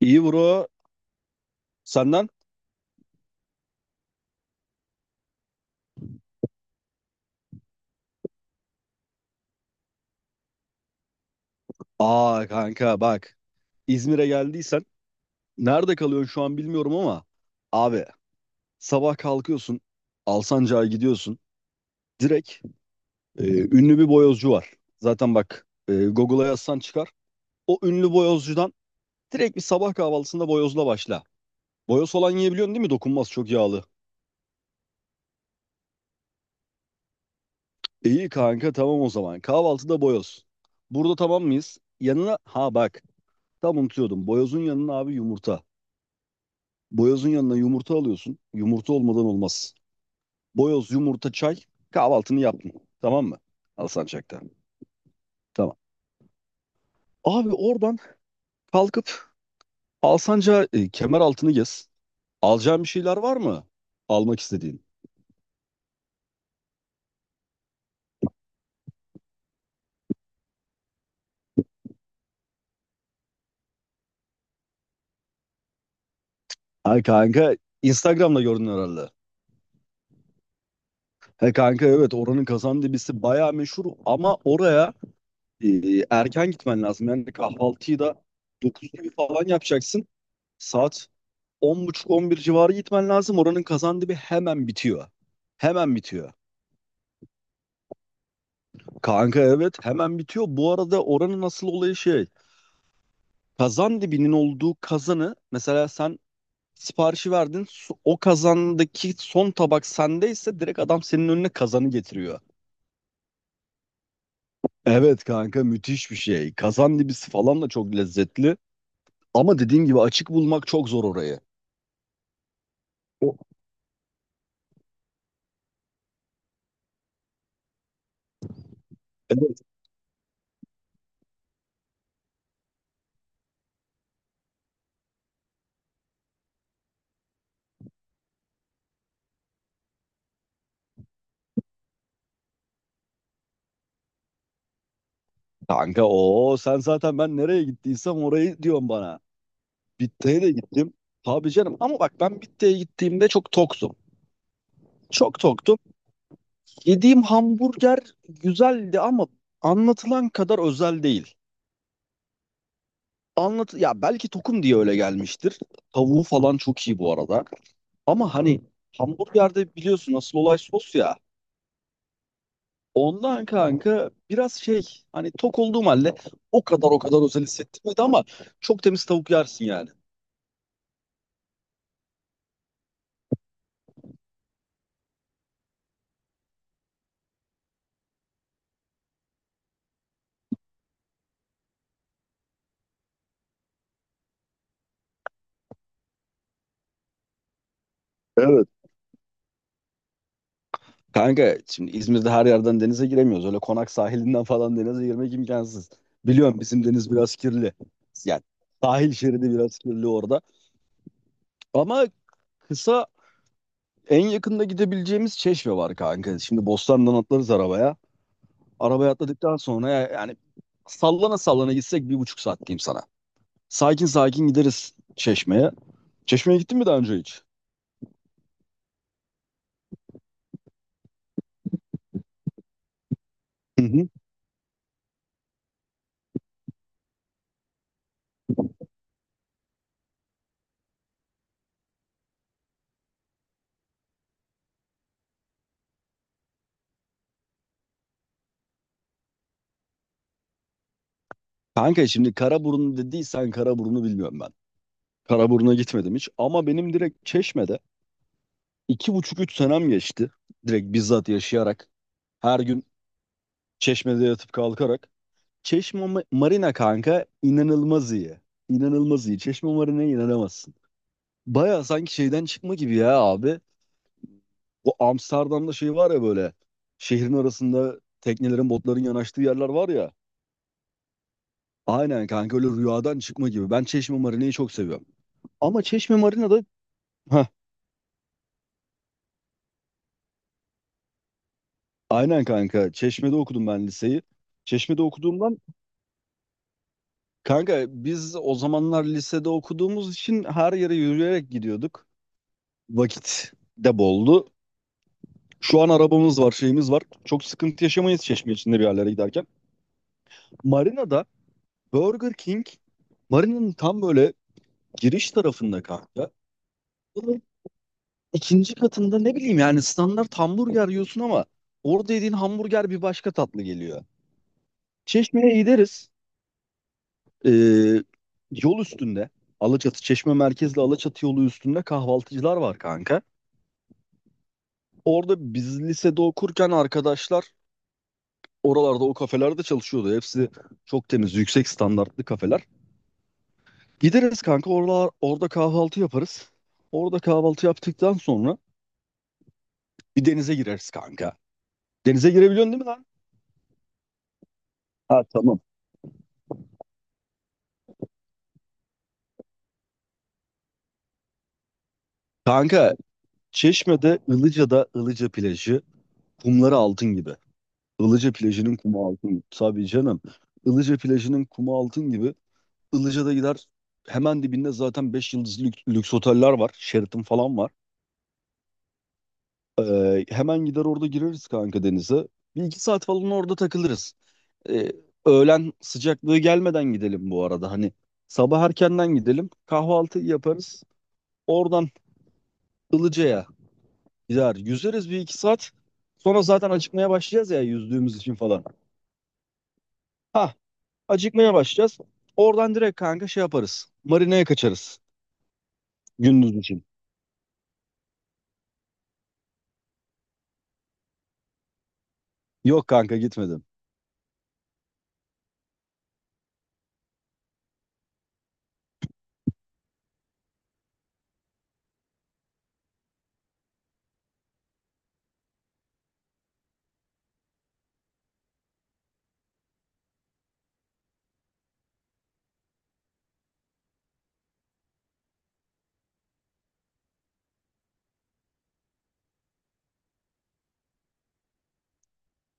İyi bro. Senden? Aa kanka bak. İzmir'e geldiysen nerede kalıyorsun şu an bilmiyorum ama abi sabah kalkıyorsun Alsancak'a gidiyorsun. Direkt e, ünlü bir boyozcu var. Zaten bak Google'a yazsan çıkar. O ünlü boyozcudan direkt bir sabah kahvaltısında boyozla başla. Boyoz olan yiyebiliyorsun değil mi? Dokunmaz çok yağlı. İyi kanka tamam o zaman. Kahvaltıda boyoz. Burada tamam mıyız? Yanına ha bak tam unutuyordum. Boyozun yanına abi yumurta. Boyozun yanına yumurta alıyorsun. Yumurta olmadan olmaz. Boyoz, yumurta, çay. Kahvaltını yaptın. Tamam mı? Alsancak'ta. Tamam. Abi oradan kalkıp Alsancak'a kemer altını gez. Alacağın bir şeyler var mı? Almak istediğin. Ay kanka Instagram'da gördün herhalde. He kanka evet oranın kazan dibisi bayağı meşhur ama oraya e, erken gitmen lazım. Yani kahvaltıyı da 9 gibi falan yapacaksın. Saat 10.30-11 civarı gitmen lazım. Oranın kazan dibi hemen bitiyor. Hemen bitiyor. Kanka evet hemen bitiyor. Bu arada oranın asıl olayı şey. Kazan dibinin olduğu kazanı mesela sen siparişi verdin. O kazandaki son tabak sendeyse direkt adam senin önüne kazanı getiriyor. Evet kanka müthiş bir şey. Kazan dibisi falan da çok lezzetli. Ama dediğin gibi açık bulmak çok zor orayı. O- Evet kanka o sen zaten ben nereye gittiysem orayı diyorsun bana. Bitte'ye de gittim. Tabii canım ama bak ben Bitte'ye gittiğimde çok toktum. Çok toktum. Yediğim hamburger güzeldi ama anlatılan kadar özel değil. Anlat ya belki tokum diye öyle gelmiştir. Tavuğu falan çok iyi bu arada. Ama hani hamburgerde biliyorsun asıl olay sos ya. Ondan kanka biraz şey hani tok olduğum halde o kadar özel hissettirmedi ama çok temiz tavuk yersin yani. Evet. Kanka şimdi İzmir'de her yerden denize giremiyoruz. Öyle konak sahilinden falan denize girmek imkansız. Biliyorum bizim deniz biraz kirli. Yani sahil şeridi biraz kirli orada. Ama kısa en yakında gidebileceğimiz Çeşme var kanka. Şimdi Bostan'dan atlarız arabaya. Arabaya atladıktan sonra yani sallana sallana gitsek 1,5 saat diyeyim sana. Sakin sakin gideriz Çeşme'ye. Çeşme'ye gittin mi daha önce hiç? Hı hı. Kanka şimdi Karaburun dediysen Karaburun'u bilmiyorum ben. Karaburun'a gitmedim hiç ama benim direkt Çeşme'de İki buçuk üç senem geçti. Direkt bizzat yaşayarak. Her gün Çeşme'de yatıp kalkarak. Çeşme Marina kanka inanılmaz iyi. İnanılmaz iyi. Çeşme Marina'ya inanamazsın. Baya sanki şeyden çıkma gibi ya abi. O Amsterdam'da şey var ya böyle. Şehrin arasında teknelerin, botların yanaştığı yerler var ya. Aynen kanka öyle rüyadan çıkma gibi. Ben Çeşme Marina'yı çok seviyorum. Ama Çeşme Marina'da... Heh, aynen kanka. Çeşme'de okudum ben liseyi. Çeşme'de okuduğumdan. Kanka biz o zamanlar lisede okuduğumuz için her yere yürüyerek gidiyorduk. Vakit de boldu. Şu an arabamız var, şeyimiz var. Çok sıkıntı yaşamayız Çeşme içinde bir yerlere giderken. Marina'da Burger King, Marina'nın tam böyle giriş tarafında kanka. Bunun ikinci katında ne bileyim yani standart hamburger yiyorsun ama orada yediğin hamburger bir başka tatlı geliyor. Çeşme'ye gideriz. Ee, yol üstünde. Alaçatı, Çeşme merkezli Alaçatı yolu üstünde kahvaltıcılar var kanka. Orada biz lisede okurken arkadaşlar oralarda o kafelerde çalışıyordu. Hepsi çok temiz, yüksek standartlı kafeler. Gideriz kanka orada kahvaltı yaparız. Orada kahvaltı yaptıktan sonra bir denize gireriz kanka. Denize girebiliyorsun değil mi lan? Ha tamam. Kanka Çeşme'de Ilıca'da Ilıca plajı kumları altın gibi. Ilıca plajının kumu altın gibi. Tabii canım. Ilıca plajının kumu altın gibi. Ilıca'da gider hemen dibinde zaten 5 yıldızlı lüks, lüks oteller var. Sheraton falan var. Hemen gider orada gireriz kanka denize. Bir iki saat falan orada takılırız. Ee, öğlen sıcaklığı gelmeden gidelim bu arada. Hani sabah erkenden gidelim. Kahvaltı yaparız. Oradan Ilıca'ya gider. Yüzeriz bir iki saat. Sonra zaten acıkmaya başlayacağız ya yüzdüğümüz için falan. Ha, acıkmaya başlayacağız. Oradan direkt kanka şey yaparız. Marina'ya kaçarız gündüz için. Yok kanka gitmedim.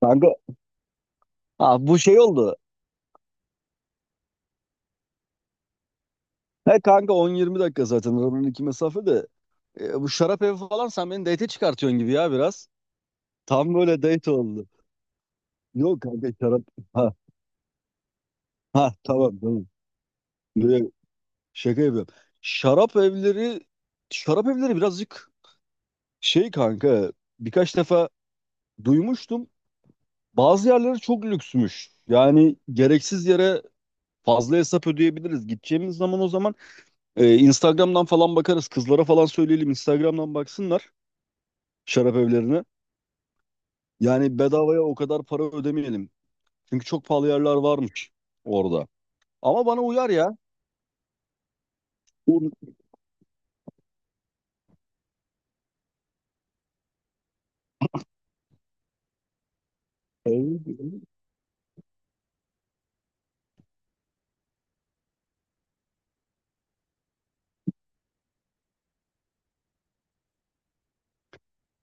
Kanka ha, bu şey oldu. He kanka 10-20 dakika zaten aranın iki mesafe de. E, bu şarap evi falan sen beni date'e çıkartıyorsun gibi ya biraz. Tam böyle date oldu. Yok kanka şarap. Ha, ha tamam tamam. Böyle şaka yapıyorum. Şarap evleri şarap evleri birazcık şey kanka birkaç defa duymuştum. Bazı yerleri çok lüksmüş. Yani gereksiz yere fazla hesap ödeyebiliriz. Gideceğimiz zaman o zaman Instagram'dan falan bakarız. Kızlara falan söyleyelim Instagram'dan baksınlar şarap evlerine. Yani bedavaya o kadar para ödemeyelim. Çünkü çok pahalı yerler varmış orada. Ama bana uyar ya. Bu-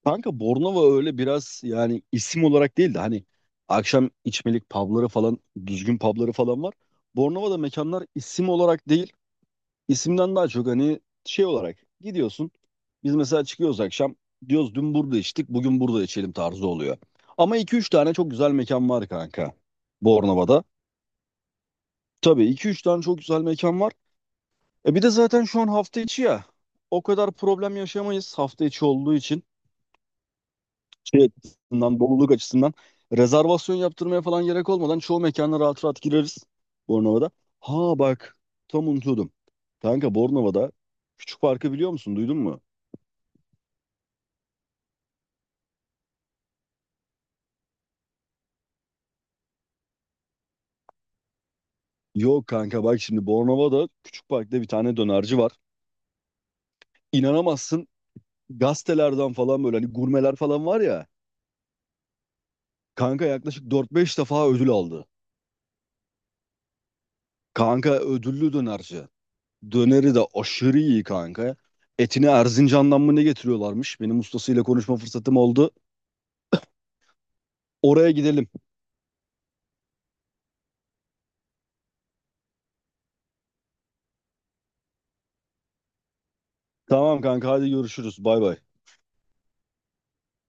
Kanka Bornova öyle biraz yani isim olarak değil de hani akşam içmelik pubları falan düzgün pubları falan var. Bornova'da mekanlar isim olarak değil isimden daha çok hani şey olarak gidiyorsun. Biz mesela çıkıyoruz akşam diyoruz dün burada içtik bugün burada içelim tarzı oluyor. Ama iki üç tane çok güzel mekan var kanka Bornova'da. Tabii iki üç tane çok güzel mekan var. E bir de zaten şu an hafta içi ya. O kadar problem yaşamayız hafta içi olduğu için. Şey açısından, doluluk açısından. Rezervasyon yaptırmaya falan gerek olmadan çoğu mekana rahat rahat gireriz Bornova'da. Ha bak tam unutuyordum. Kanka Bornova'da Küçük Park'ı biliyor musun? Duydun mu? Yok kanka bak şimdi Bornova'da Küçük Park'ta bir tane dönerci var. İnanamazsın gazetelerden falan böyle hani gurmeler falan var ya. Kanka yaklaşık dört beş defa ödül aldı. Kanka ödüllü dönerci. Döneri de aşırı iyi kanka. Etini Erzincan'dan mı ne getiriyorlarmış? Benim ustasıyla konuşma fırsatım oldu. Oraya gidelim. Tamam kanka hadi görüşürüz. Bay bay.